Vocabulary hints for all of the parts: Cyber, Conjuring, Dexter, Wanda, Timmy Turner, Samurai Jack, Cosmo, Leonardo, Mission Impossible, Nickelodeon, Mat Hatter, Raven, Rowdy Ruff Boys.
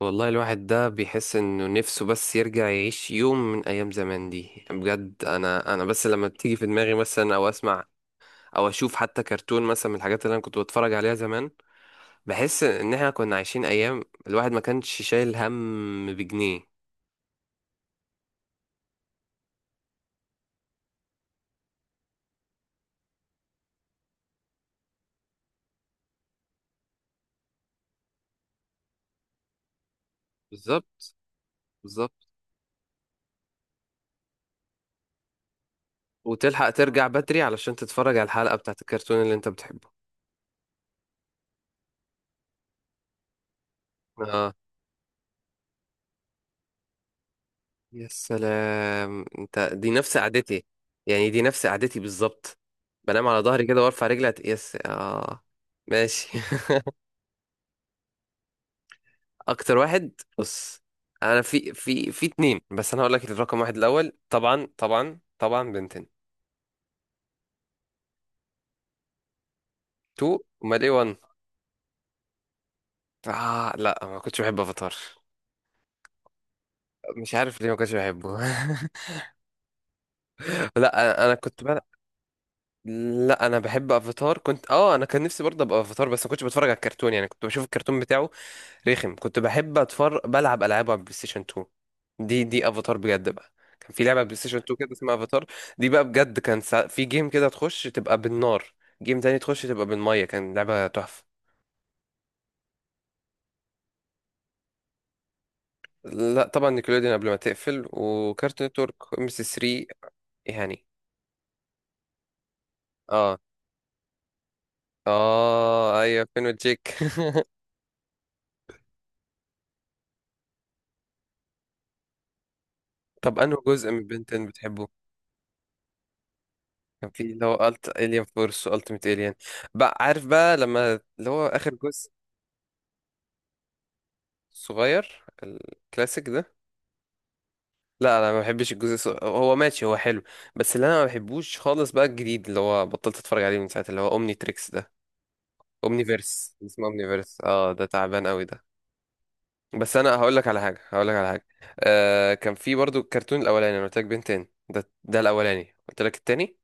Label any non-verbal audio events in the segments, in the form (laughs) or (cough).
والله الواحد ده بيحس انه نفسه بس يرجع يعيش يوم من ايام زمان دي. يعني بجد انا بس لما بتيجي في دماغي مثلا، او اسمع او اشوف حتى كرتون مثلا من الحاجات اللي انا كنت بتفرج عليها زمان، بحس ان احنا كنا عايشين ايام الواحد ما كانش شايل هم بجنيه. بالظبط. بالظبط. وتلحق ترجع بدري علشان تتفرج على الحلقة بتاعت الكرتون اللي انت بتحبه. اه. يا سلام، انت دي نفس قعدتي. يعني دي نفس قعدتي بالظبط. بنام على ظهري كده وارفع رجلي يس. اه، ماشي. (laughs) اكتر واحد. بص، انا في اتنين. بس انا هقول لك الرقم واحد الاول، طبعا طبعا طبعا بنتين. تو. امال ايه؟ وان. اه. لا، ما كنتش بحب افاتار. مش عارف ليه ما كنتش بحبه. (laughs) لا انا كنت بلعب. لا، انا بحب افاتار، كنت، انا كان نفسي برضه ابقى افاتار، بس ما كنتش بتفرج على الكرتون، يعني كنت بشوف الكرتون بتاعه رخم. كنت بحب اتفرج بلعب العاب على البلاي ستيشن 2. دي افاتار بجد بقى. كان في لعبه على البلاي ستيشن 2 كده اسمها افاتار. دي بقى بجد كان في جيم كده تخش تبقى بالنار، جيم تاني تخش تبقى بالميه. كان لعبه تحفه. لا طبعا، نيكلوديون قبل ما تقفل، وكارتون نتورك، ام سي 3 يعني. اه اه، ايوه. فين وجيك؟ (laughs) طب انه جزء من بنتن بتحبه؟ كان في اللي هو الين فورس والتيميت الين. بقى عارف بقى لما اللي هو اخر جزء صغير، الكلاسيك ده. لا، انا ما بحبش الجزء هو ماشي، هو حلو. بس اللي انا ما بحبوش خالص بقى الجديد، اللي هو بطلت اتفرج عليه من ساعه اللي هو اومني تريكس ده، اومني فيرس، اسمه اومني فيرس. اه، ده تعبان قوي ده. بس انا هقول لك على حاجه، هقول لك على حاجه. كان في برضو الكرتون الاولاني انا قلت لك بنتين، ده الاولاني، قلت لك التاني.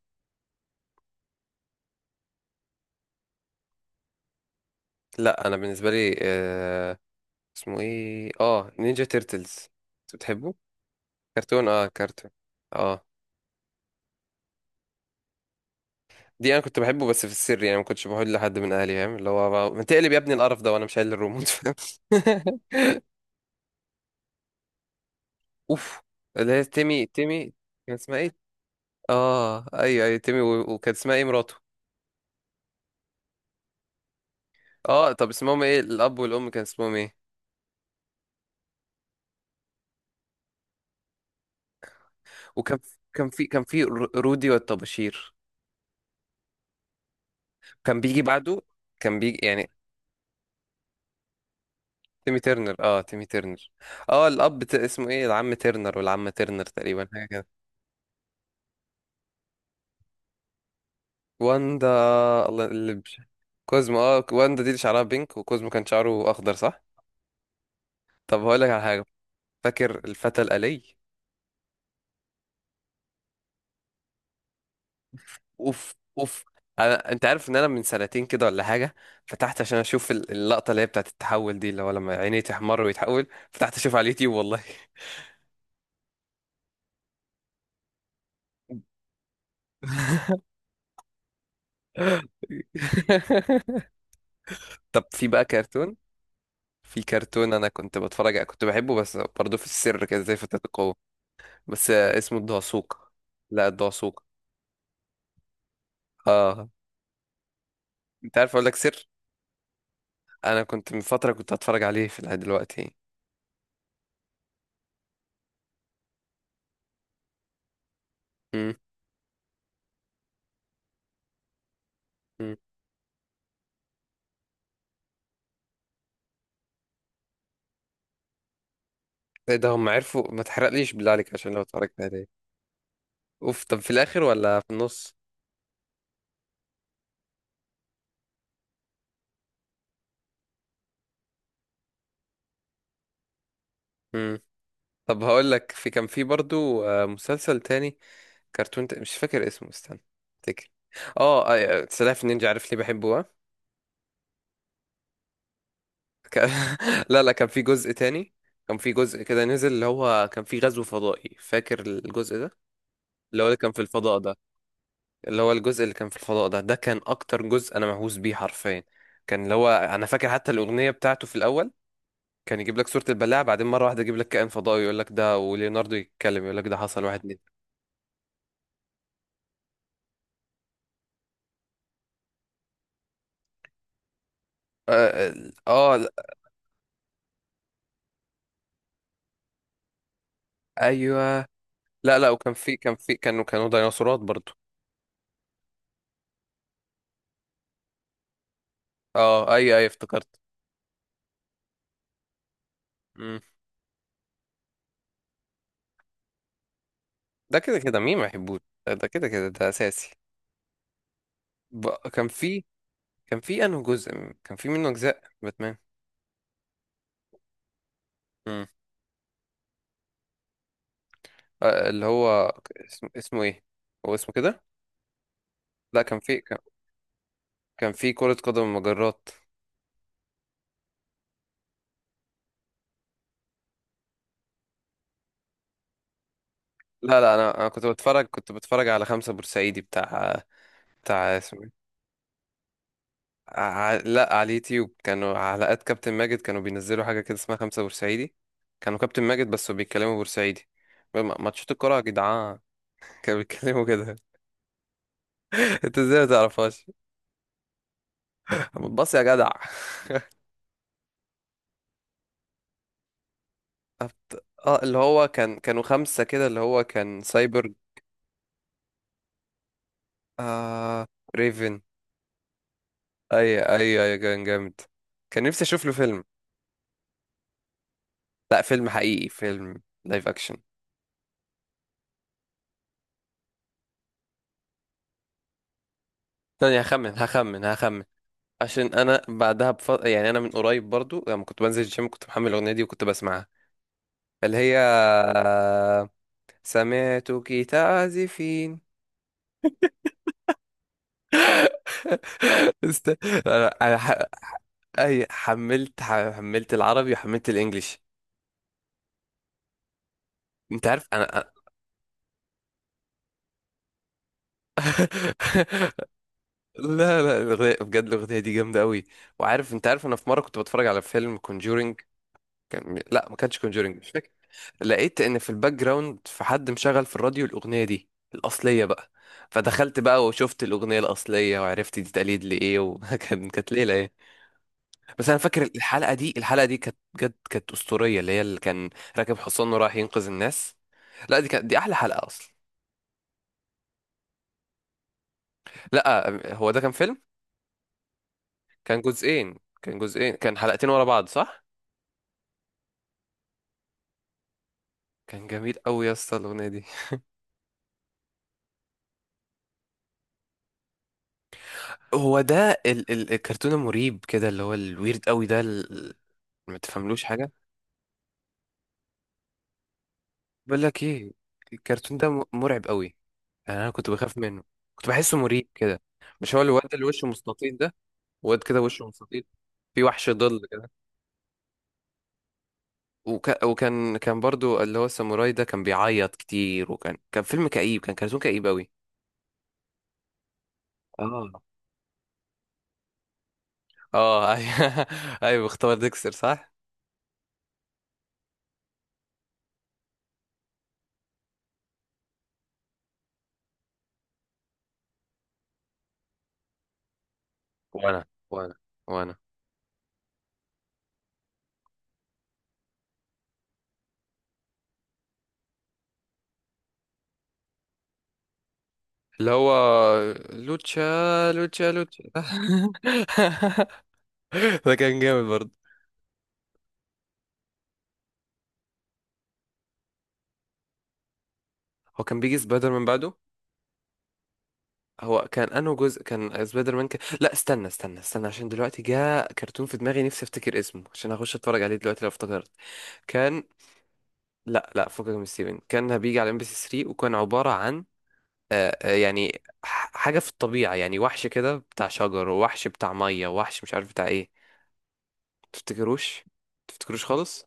لا، انا بالنسبه لي، اسمه ايه، نينجا تيرتلز. بتحبه. كرتون، كرتون. اه. دي انا كنت بحبه بس في السر، يعني ما كنتش بقول لحد من اهلي، فاهم؟ اللي هو ما تقلب يا ابني القرف ده وانا مش شايل الريموت، فاهم؟ (laughs) اوف. اللي هي تيمي تيمي. كان اسمها ايه؟ اه، ايوه ايوه، تيمي، و- وكان اسمها ايه مراته؟ اه، طب اسمهم ايه الاب والام، كان اسمهم ايه؟ وكان كان في رودي والطباشير. كان بيجي بعده، كان بيجي يعني. تيمي ترنر، تيمي ترنر. اه، الاب اسمه ايه، العم ترنر والعمه ترنر تقريبا حاجه. واندا. الله اللي كوزمو. اه واندا دي اللي شعرها بينك، وكوزمو كان شعره اخضر صح؟ طب هقول لك على حاجه، فاكر الفتى الالي؟ اوف اوف. انت عارف ان انا من سنتين كده ولا حاجه فتحت عشان اشوف اللقطه اللي هي بتاعت التحول دي، اللي هو لما عينيه تحمر ويتحول، فتحت اشوف على اليوتيوب والله. (laughs) طب في بقى كرتون، في كرتون انا كنت بتفرج كنت بحبه، بس برضه في السر كده زي فتاة القوة، بس اسمه الدعسوق. لا، الدعسوق. انت عارف اقول لك سر، انا كنت من فتره كنت هتفرج عليه في العيد دلوقتي. امم. امم. ايه ده، هم عرفوا؟ ما تحرقليش بالله عليك عشان لو اتفرجت عليه. اوف، طب في الاخر ولا في النص؟ امم. طب هقول لك، كان في برضو مسلسل تاني، كرتون مش فاكر اسمه، استنى افتكر. اه آه، سلاحف النينجا. عارف ليه بحبه؟ ها، ك... (laughs) لا لا، كان في جزء تاني. كان في جزء كده نزل اللي هو كان في غزو فضائي، فاكر الجزء ده؟ اللي هو اللي كان في الفضاء ده، اللي هو الجزء اللي كان في الفضاء ده، ده كان اكتر جزء انا مهووس بيه حرفيا. كان اللي هو، انا فاكر حتى الاغنيه بتاعته في الاول، كان يجيب لك صوره البلاعه، بعدين مره واحده يجيب لك كائن فضائي يقول لك ده، وليوناردو يتكلم يقول لك ده حصل واحد اتنين. اه، آه آه، لا، ايوه. لا لا، وكان في كانوا ديناصورات برضو. اه ايوه ايوه افتكرت. مم. ده كده كده مين ما يحبوش، ده كده كده ده اساسي. ب... كان في كان في انه جزء. كان في منه اجزاء باتمان. مم. اللي هو اسمه ايه، هو اسمه كده. لا، كان في كرة قدم مجرات. لا لا، انا كنت بتفرج على خمسة بورسعيدي بتاع اسمه إيه؟ لا، على اليوتيوب كانوا حلقات كابتن ماجد، كانوا بينزلوا حاجة كده اسمها خمسة بورسعيدي. كانوا كابتن ماجد بس بيتكلموا بورسعيدي. ماتشات الكرة يا جدعان. (laughs) كانوا بيتكلموا كده. (laughs) انت ازاي ما تعرفهاش؟ بص يا جدع. اه، اللي هو كان كانوا خمسة كده اللي هو كان سايبر. آه... ريفن. اي اي اي، كان جامد. كان نفسي اشوف له فيلم. لا فيلم حقيقي، فيلم لايف اكشن. ثانية، هخمن هخمن هخمن. عشان انا بعدها يعني انا من قريب برضو لما كنت بنزل الجيم كنت محمل الاغنية دي وكنت بسمعها، اللي هي، سمعتك تعزفين. (gasps) (laughs) است... انا اي، حملت العربي وحملت الانجليش. انت عارف انا؟ (laughs) لا لا، الاغنيه بجد، الاغنيه دي جامده قوي. وعارف، انت عارف انا في مره كنت بتفرج على فيلم Conjuring، لا، ما كانش كونجورينج، مش فاكر. لقيت ان في الباك جراوند في حد مشغل في الراديو الاغنيه دي الاصليه بقى. فدخلت بقى وشفت الاغنيه الاصليه وعرفت دي تقليد لايه، وكان (laughs) كانت ليله يعني. بس انا فاكر الحلقه دي كانت بجد، كانت اسطوريه، اللي هي اللي كان راكب حصان وراح ينقذ الناس. لا دي كانت، دي احلى حلقه اصلا. لا، هو ده كان فيلم. كان جزئين كان جزئين كان حلقتين ورا بعض صح؟ كان جميل قوي يا اسطى الاغنيه دي. هو ده ال الكرتون المريب كده، اللي هو الويرد قوي ده، ما تفهملوش حاجه. بقول لك ايه، الكرتون ده مرعب قوي، انا كنت بخاف منه، كنت بحسه مريب كده. مش هو الواد اللي وشه مستطيل ده؟ واد كده وشه مستطيل، في وحش ظل كده. وكان برضو اللي هو الساموراي ده كان بيعيط كتير، وكان فيلم كئيب، كان كرتون كئيب قوي. اه اه، ايوه. (laughs) ايوه، اختار ديكستر صح. وانا وانا وانا. اللي هو لوتشا لوتشا لوتشا. (laughs) ده كان جامد برضه. هو كان بيجي سبايدر من بعده. هو كان انه جزء كان سبايدر مان، لا، استنى استنى استنى عشان دلوقتي جاء كرتون في دماغي نفسي افتكر اسمه عشان اخش اتفرج عليه دلوقتي لو افتكرت. كان. لا لا، فكك من ستيفن، كان بيجي على ام بي سي 3 وكان عبارة عن يعني حاجة في الطبيعة يعني، وحش كده بتاع شجر، ووحش بتاع مية، ووحش مش عارف بتاع ايه. تفتكروش؟ تفتكروش خالص؟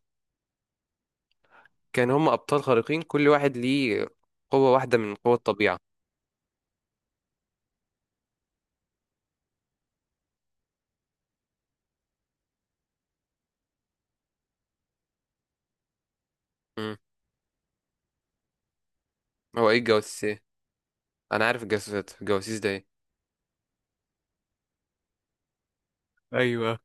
كان هم ابطال خارقين كل واحد ليه قوة واحدة من قوة الطبيعة. امم. هو ايه الجواسيس، ايه؟ انا عارف الجواسيس ده ايه؟ ايوه.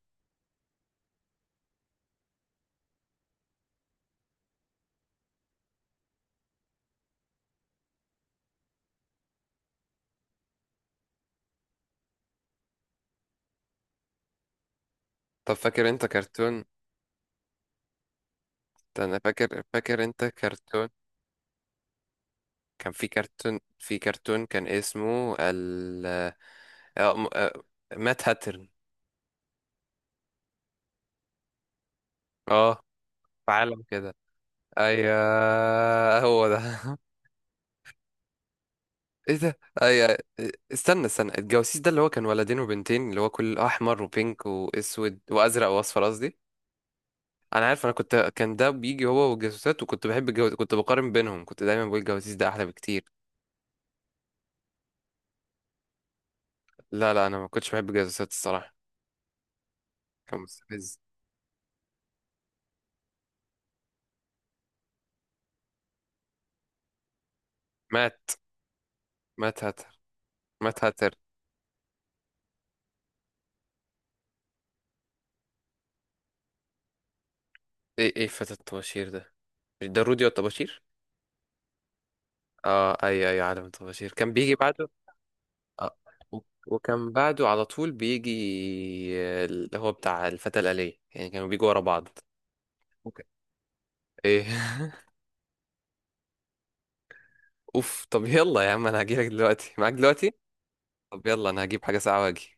طب فاكر انت كرتون، انا فاكر انت كرتون كان في كرتون كان اسمه ال آه، م- آه، مات هاترن. اه، في عالم كده. ايوه هو ده. (laughs) ايه ده، ايوه. استنى استنى، الجواسيس ده اللي هو كان ولدين وبنتين، اللي هو كل احمر وبينك واسود وازرق واصفر، قصدي انا عارف، انا كنت، كان ده بيجي هو والجاسوسات، وكنت بحب كنت بقارن بينهم، كنت دايما بقول الجواسيس ده احلى بكتير. لا لا، انا ما كنتش بحب الجاسوسات الصراحه، كان مستفز. مات مات هاتر، مات هاتر. ايه ايه فتى الطباشير ده، مش ده رودي الطباشير؟ اه، اي اي عالم الطباشير كان بيجي بعده. اه، و- وكان بعده على طول بيجي اللي هو بتاع الفتى الآلية يعني، كانوا بيجوا ورا بعض. وك- ايه؟ (laughs) اوف. طب يلا يا عم، انا هجيلك دلوقتي، معاك دلوقتي. طب يلا انا هجيب حاجة ساعة واجي.